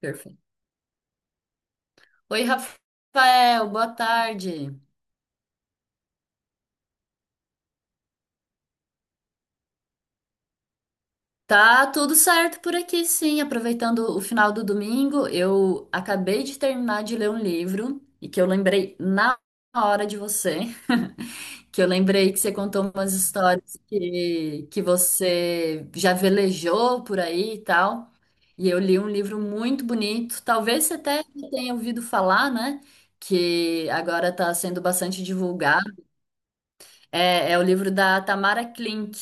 Perfeito. Oi, Rafael, boa tarde. Tá tudo certo por aqui, sim. Aproveitando o final do domingo, eu acabei de terminar de ler um livro e que eu lembrei na hora de você, que eu lembrei que você contou umas histórias que você já velejou por aí e tal. E eu li um livro muito bonito, talvez você até tenha ouvido falar, né? Que agora está sendo bastante divulgado. É o livro da Tamara Klink.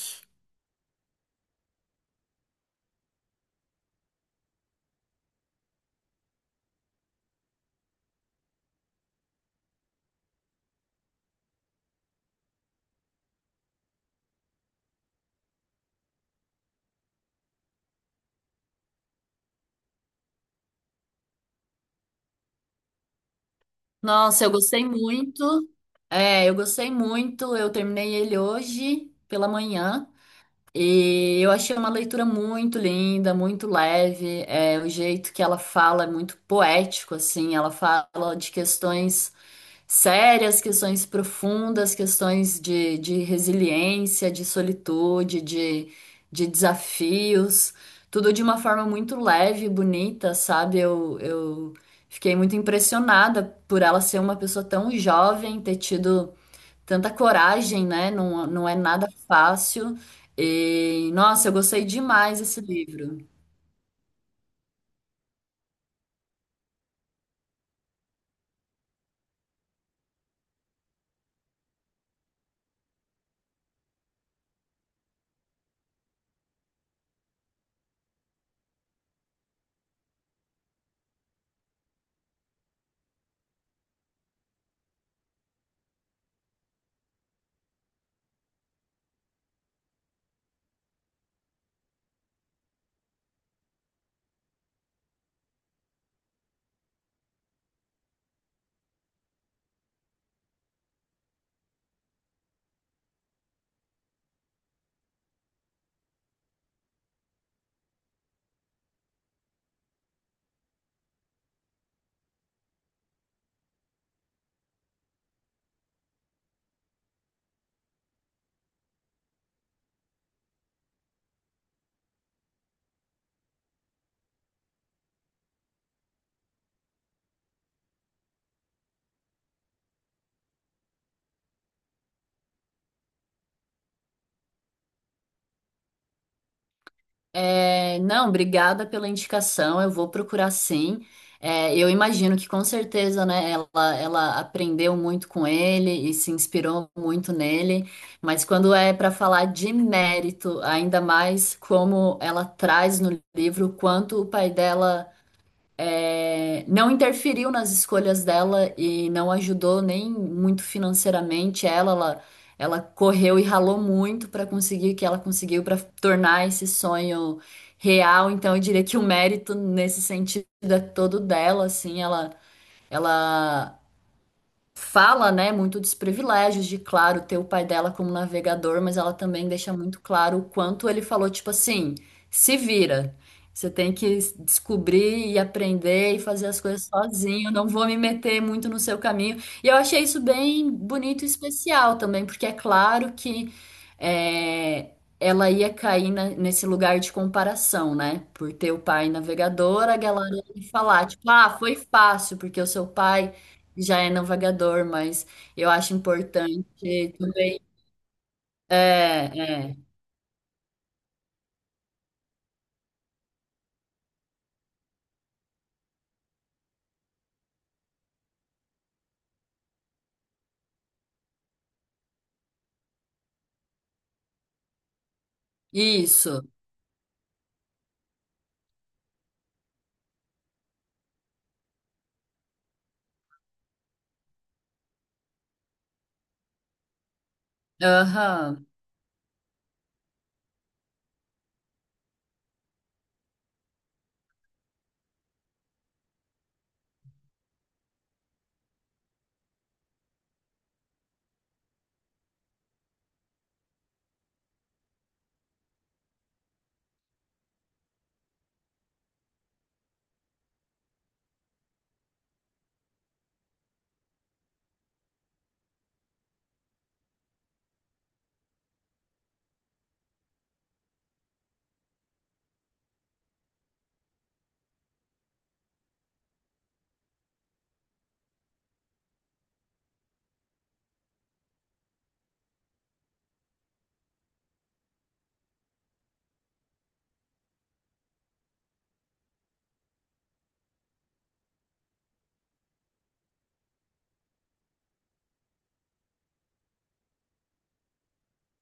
Nossa, eu gostei muito. É, eu gostei muito. Eu terminei ele hoje pela manhã. E eu achei uma leitura muito linda, muito leve. É, o jeito que ela fala é muito poético, assim. Ela fala de questões sérias, questões profundas, questões de resiliência, de solitude, de desafios, tudo de uma forma muito leve e bonita, sabe? Eu fiquei muito impressionada por ela ser uma pessoa tão jovem, ter tido tanta coragem, né? Não, não é nada fácil. E, nossa, eu gostei demais desse livro. É, não, obrigada pela indicação. Eu vou procurar sim. É, eu imagino que com certeza, né, ela aprendeu muito com ele e se inspirou muito nele. Mas quando é para falar de mérito, ainda mais como ela traz no livro, quanto o pai dela é, não interferiu nas escolhas dela e não ajudou nem muito financeiramente ela correu e ralou muito para conseguir o que ela conseguiu para tornar esse sonho real. Então eu diria que o mérito nesse sentido é todo dela, assim, ela fala, né, muito dos privilégios de, claro, ter o pai dela como navegador, mas ela também deixa muito claro o quanto ele falou, tipo assim, se vira. Você tem que descobrir e aprender e fazer as coisas sozinho, não vou me meter muito no seu caminho. E eu achei isso bem bonito e especial também, porque é claro que é, ela ia cair nesse lugar de comparação, né? Por ter o pai navegador, a galera ia falar, tipo, ah, foi fácil, porque o seu pai já é navegador, mas eu acho importante também. É, é. Isso. Aham.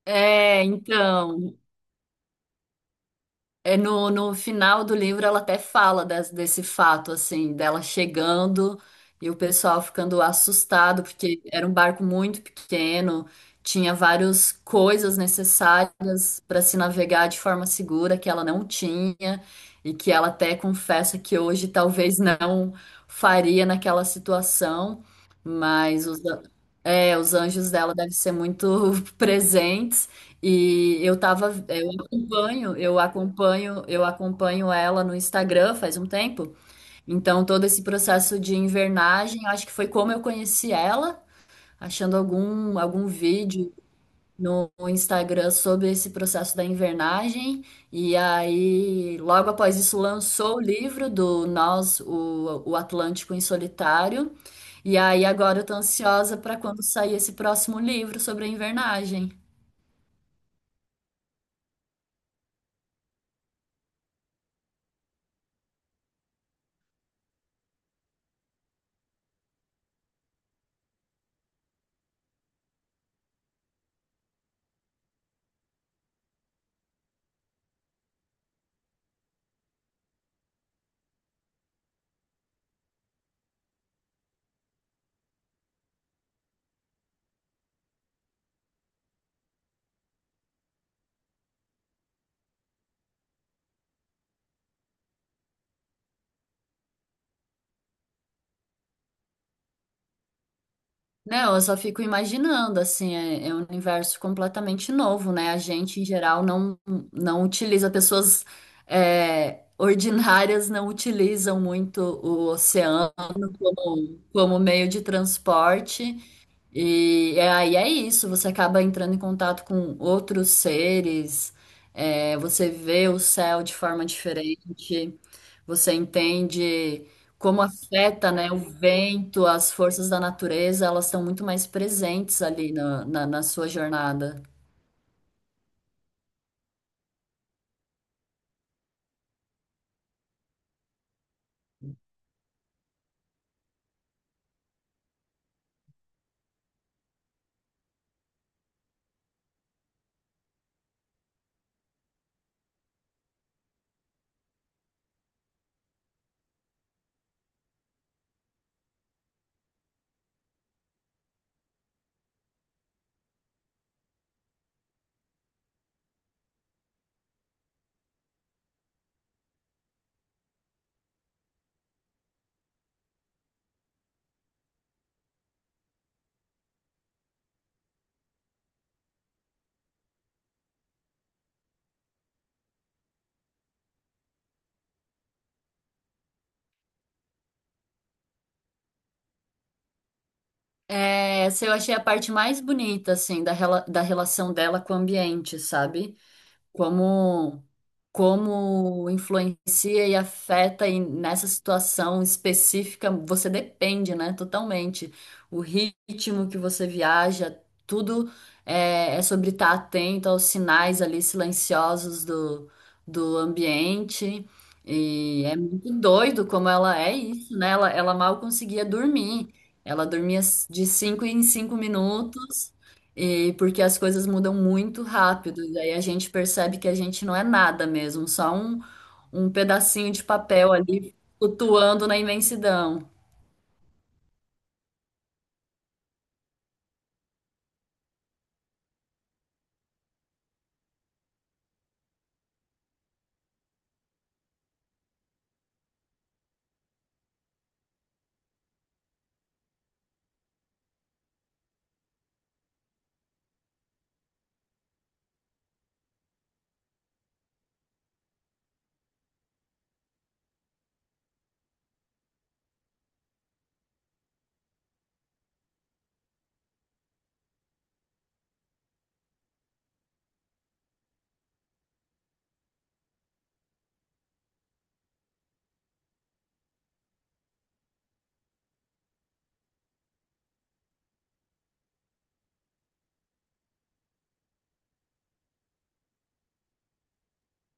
É, então. É no, no final do livro ela até fala desse fato, assim, dela chegando e o pessoal ficando assustado, porque era um barco muito pequeno, tinha várias coisas necessárias para se navegar de forma segura que ela não tinha, e que ela até confessa que hoje talvez não faria naquela situação, mas é, os anjos dela devem ser muito presentes. E eu tava. É, eu acompanho ela no Instagram faz um tempo. Então, todo esse processo de invernagem, eu acho que foi como eu conheci ela, achando algum vídeo no Instagram sobre esse processo da invernagem. E aí, logo após isso, lançou o livro do Nós, o Atlântico em Solitário. E aí, agora eu tô ansiosa para quando sair esse próximo livro sobre a invernagem. Não, eu só fico imaginando, assim, é um universo completamente novo, né? A gente, em geral, não, não utiliza, pessoas é, ordinárias não utilizam muito o oceano como, como meio de transporte. E aí é isso, você acaba entrando em contato com outros seres, é, você vê o céu de forma diferente, você entende como afeta, né, o vento, as forças da natureza, elas estão muito mais presentes ali na sua jornada. É, essa eu achei a parte mais bonita, assim, da relação dela com o ambiente, sabe? Como como influencia e afeta e nessa situação específica, você depende, né, totalmente. O ritmo que você viaja, tudo é, é sobre estar atento aos sinais ali silenciosos do, do ambiente. E é muito doido como ela é isso, né? Ela mal conseguia dormir. Ela dormia de cinco em cinco minutos. E porque as coisas mudam muito rápido, e aí a gente percebe que a gente não é nada mesmo, só um pedacinho de papel ali flutuando na imensidão.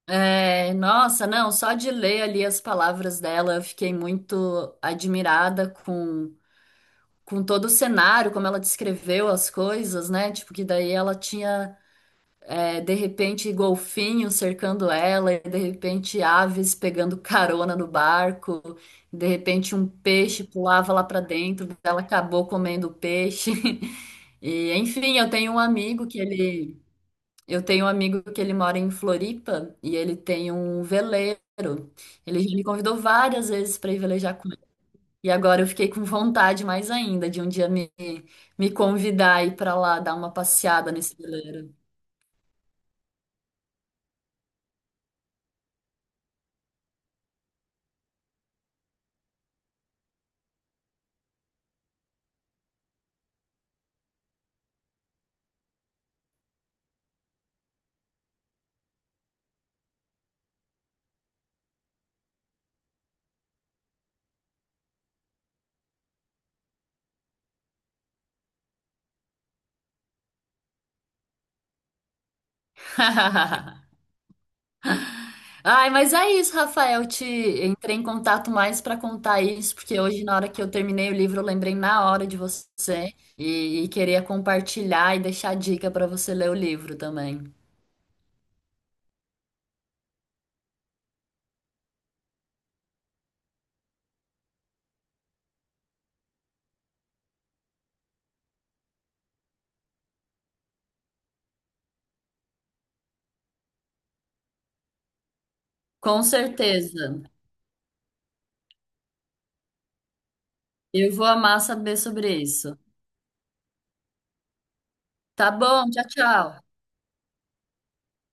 É, nossa, não, só de ler ali as palavras dela, eu fiquei muito admirada com todo o cenário, como ela descreveu as coisas, né? Tipo, que daí ela tinha é, de repente, golfinhos cercando ela, e de repente, aves pegando carona no barco, de repente, um peixe pulava lá para dentro, ela acabou comendo o peixe. E, enfim, eu tenho um amigo que ele mora em Floripa e ele tem um veleiro. Ele já me convidou várias vezes para ir velejar com ele. E agora eu fiquei com vontade mais ainda de um dia me convidar e ir para lá dar uma passeada nesse veleiro. Ai, mas é isso, Rafael. Te entrei em contato mais para contar isso, porque hoje, na hora que eu terminei o livro, eu lembrei na hora de você e queria compartilhar e deixar dica para você ler o livro também. Com certeza. Eu vou amar saber sobre isso. Tá bom, tchau, tchau.